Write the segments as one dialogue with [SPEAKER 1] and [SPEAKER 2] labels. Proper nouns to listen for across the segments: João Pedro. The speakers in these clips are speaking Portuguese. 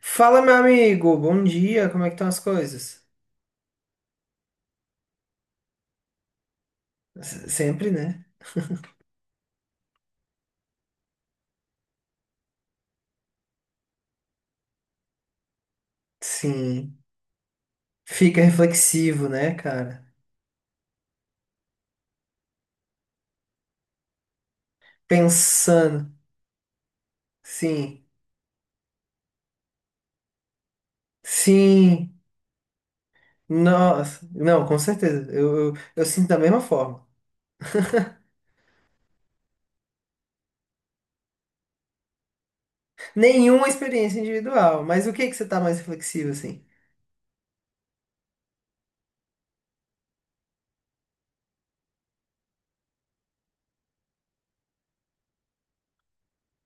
[SPEAKER 1] Fala, meu amigo, bom dia, como é que estão as coisas? Sempre, né? Sim. Fica reflexivo, né, cara? Pensando. Sim. Sim. Nossa. Não, com certeza. Eu sinto da mesma forma. Nenhuma experiência individual, mas o que que você tá mais reflexivo assim?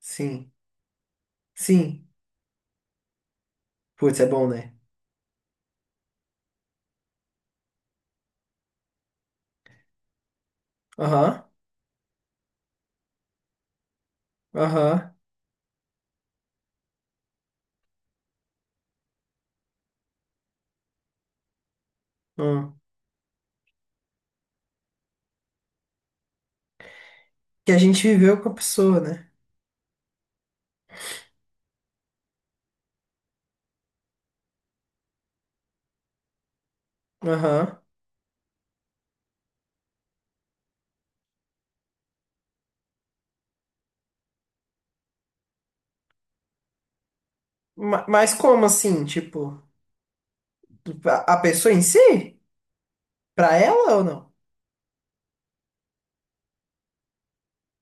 [SPEAKER 1] Sim. Sim. Putz, é bom, né? Aham. Aham. Hum. Que a gente viveu com a pessoa, né? Aham. Mas como assim? Tipo, a pessoa em si? Pra ela ou não?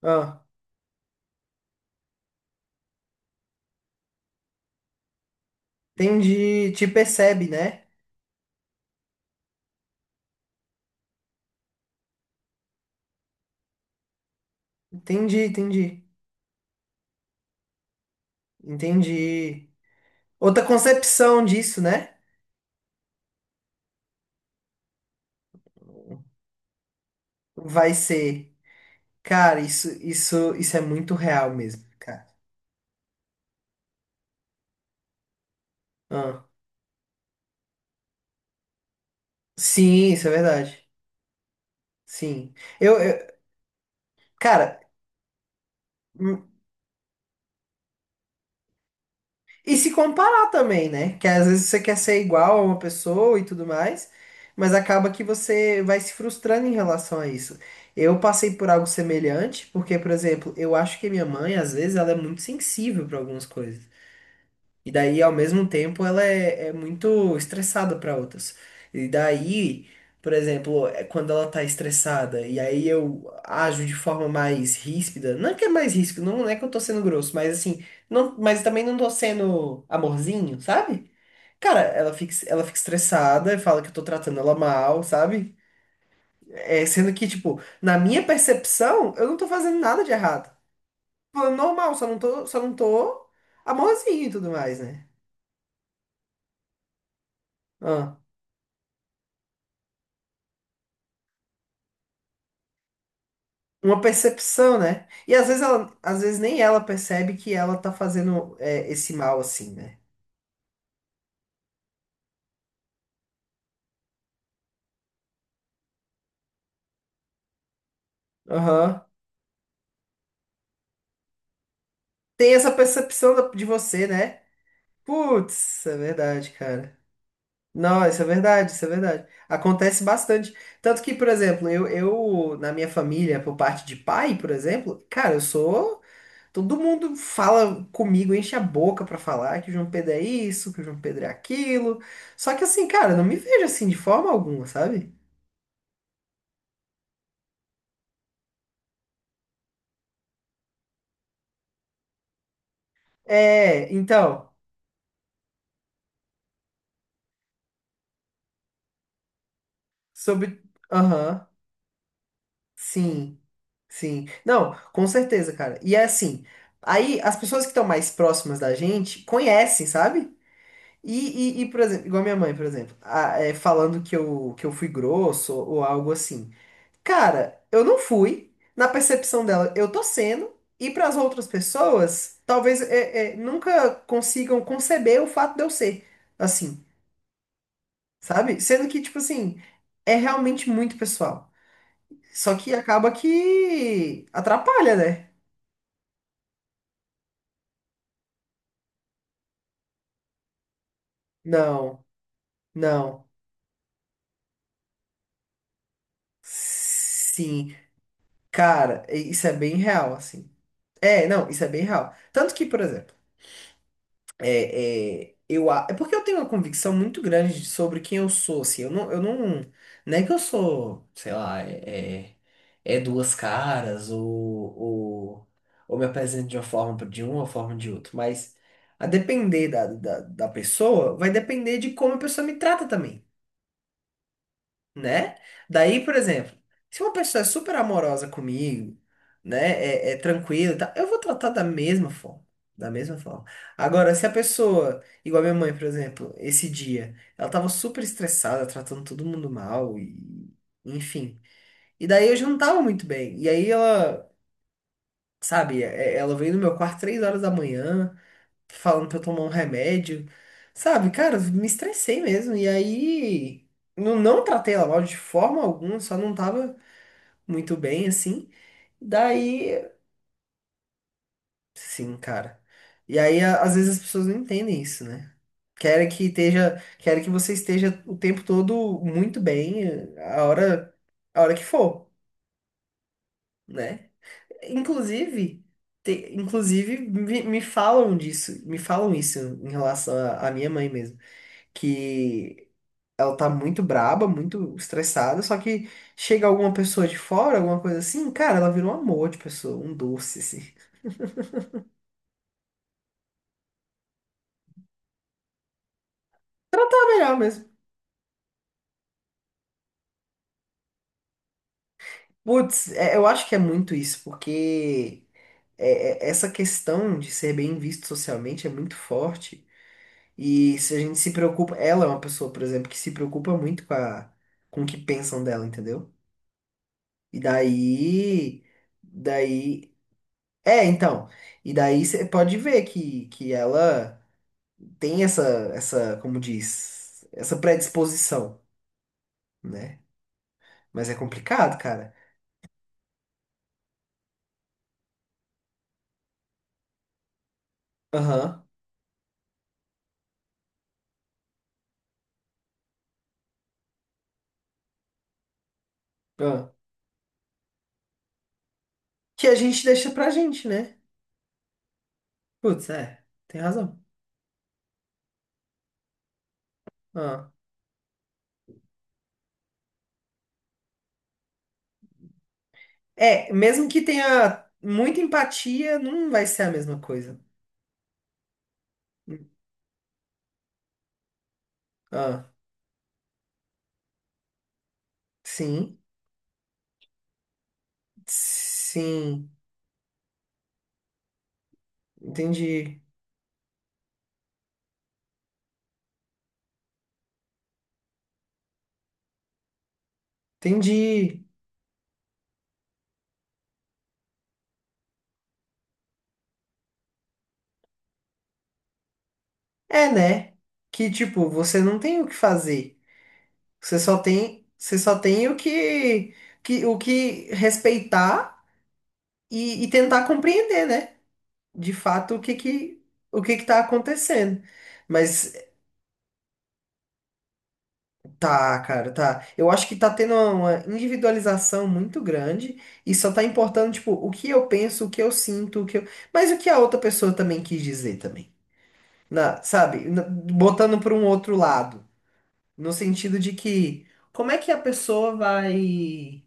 [SPEAKER 1] Ah, entendi. Te percebe, né? Entendi, entendi. Entendi. Outra concepção disso, né? Vai ser. Cara, isso é muito real mesmo, cara. Ah, sim, isso é verdade. Sim. Eu, eu- Cara. E se comparar também, né? Que às vezes você quer ser igual a uma pessoa e tudo mais, mas acaba que você vai se frustrando em relação a isso. Eu passei por algo semelhante, porque, por exemplo, eu acho que minha mãe, às vezes, ela é muito sensível para algumas coisas. E daí, ao mesmo tempo, ela é muito estressada para outras. E daí, por exemplo, é quando ela tá estressada e aí eu ajo de forma mais ríspida, não é que é mais ríspido, não é que eu tô sendo grosso, mas assim, não, mas também não tô sendo amorzinho, sabe? Cara, ela fica estressada e fala que eu tô tratando ela mal, sabe? É, sendo que, tipo, na minha percepção, eu não tô fazendo nada de errado. Falando normal, só não tô amorzinho e tudo mais, né? Uma percepção, né? E às vezes ela, às vezes nem ela percebe que ela tá fazendo esse mal assim, né? Aham. Tem essa percepção de você, né? Putz, é verdade, cara. Não, isso é verdade, isso é verdade. Acontece bastante. Tanto que, por exemplo, eu na minha família, por parte de pai, por exemplo, cara, eu sou. Todo mundo fala comigo, enche a boca pra falar que o João Pedro é isso, que o João Pedro é aquilo. Só que assim, cara, eu não me vejo assim de forma alguma, sabe? É, então, sobre. Aham, sim, sim. Não, com certeza, cara. E é assim, aí as pessoas que estão mais próximas da gente conhecem, sabe? Por exemplo, igual minha mãe, por exemplo, falando que eu fui grosso ou algo assim. Cara, eu não fui. Na percepção dela, eu tô sendo. E para as outras pessoas, talvez nunca consigam conceber o fato de eu ser assim, sabe? Sendo que, tipo assim, é realmente muito pessoal. Só que acaba que atrapalha, né? Não, não. Sim. Cara, isso é bem real, assim. É, não, isso é bem real. Tanto que, por exemplo, é porque eu tenho uma convicção muito grande sobre quem eu sou, assim. Eu não, não é que eu sou, sei lá, é duas caras ou, ou me apresento de uma forma de uma ou forma de outra. Mas a depender da pessoa, vai depender de como a pessoa me trata também. Né? Daí, por exemplo, se uma pessoa é super amorosa comigo, né, é tranquila, e tal, eu vou tratar da mesma forma. Da mesma forma. Agora, se a pessoa, igual a minha mãe, por exemplo, esse dia, ela tava super estressada, tratando todo mundo mal, e enfim. E daí eu já não tava muito bem. E aí ela, sabe, ela veio no meu quarto três horas da manhã falando pra eu tomar um remédio. Sabe, cara, me estressei mesmo. E aí, não, não tratei ela mal de forma alguma, só não tava muito bem, assim. Daí, sim, cara. E aí, às vezes as pessoas não entendem isso, né? Querem que esteja, querem que você esteja o tempo todo muito bem, a hora, a hora que for, né? Inclusive, me falam disso, me falam isso em relação à minha mãe mesmo, que ela tá muito braba, muito estressada, só que chega alguma pessoa de fora, alguma coisa assim, cara, ela vira um amor de pessoa, um doce, assim. Tratar melhor mesmo. Putz, é, eu acho que é muito isso, porque essa questão de ser bem visto socialmente é muito forte. E se a gente se preocupa, ela é uma pessoa, por exemplo, que se preocupa muito com com o que pensam dela, entendeu? E daí, daí, é, então, e daí você pode ver que ela tem como diz, essa predisposição, né? Mas é complicado, cara. Aham. Ah. Que a gente deixa pra gente, né? Putz, é, tem razão. Ah. É, mesmo que tenha muita empatia, não vai ser a mesma coisa. Ah, sim, sim, entendi, entendi. É, né? Que tipo, você não tem o que fazer. Você só tem o que respeitar e tentar compreender, né? De fato, o que que tá acontecendo. Mas tá, cara, tá. Eu acho que tá tendo uma individualização muito grande e só tá importando, tipo, o que eu penso, o que eu sinto, o que eu... Mas o que a outra pessoa também quis dizer também. Na, sabe? Botando para um outro lado, no sentido de que como é que a pessoa vai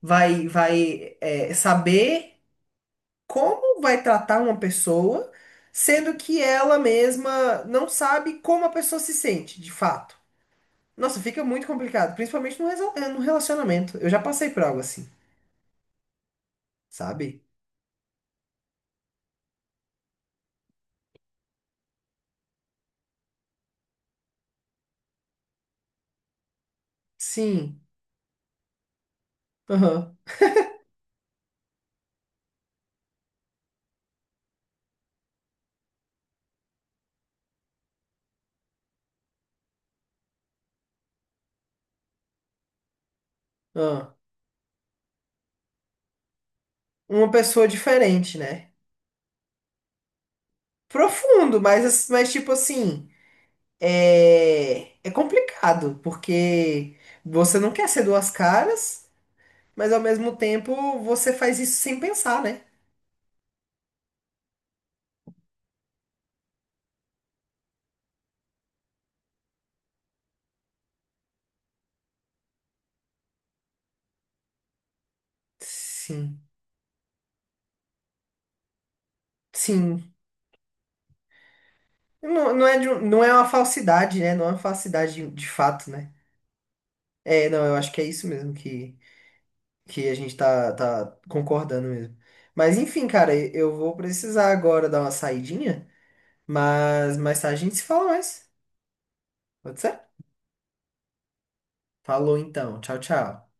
[SPEAKER 1] saber como vai tratar uma pessoa, sendo que ela mesma não sabe como a pessoa se sente, de fato. Nossa, fica muito complicado, principalmente no, no relacionamento. Eu já passei por algo assim, sabe? Sim. Aham. Aham. Uma pessoa diferente, né? Profundo, mas tipo assim, é complicado, porque você não quer ser duas caras, mas ao mesmo tempo você faz isso sem pensar, né? Sim. Sim, não, não é uma falsidade, né? Não é uma falsidade de fato, né? É, não, eu acho que é isso mesmo que a gente tá concordando mesmo. Mas enfim, cara, eu vou precisar agora dar uma saidinha, mas mais tarde a gente se fala mais. Pode ser? Falou então. Tchau, tchau.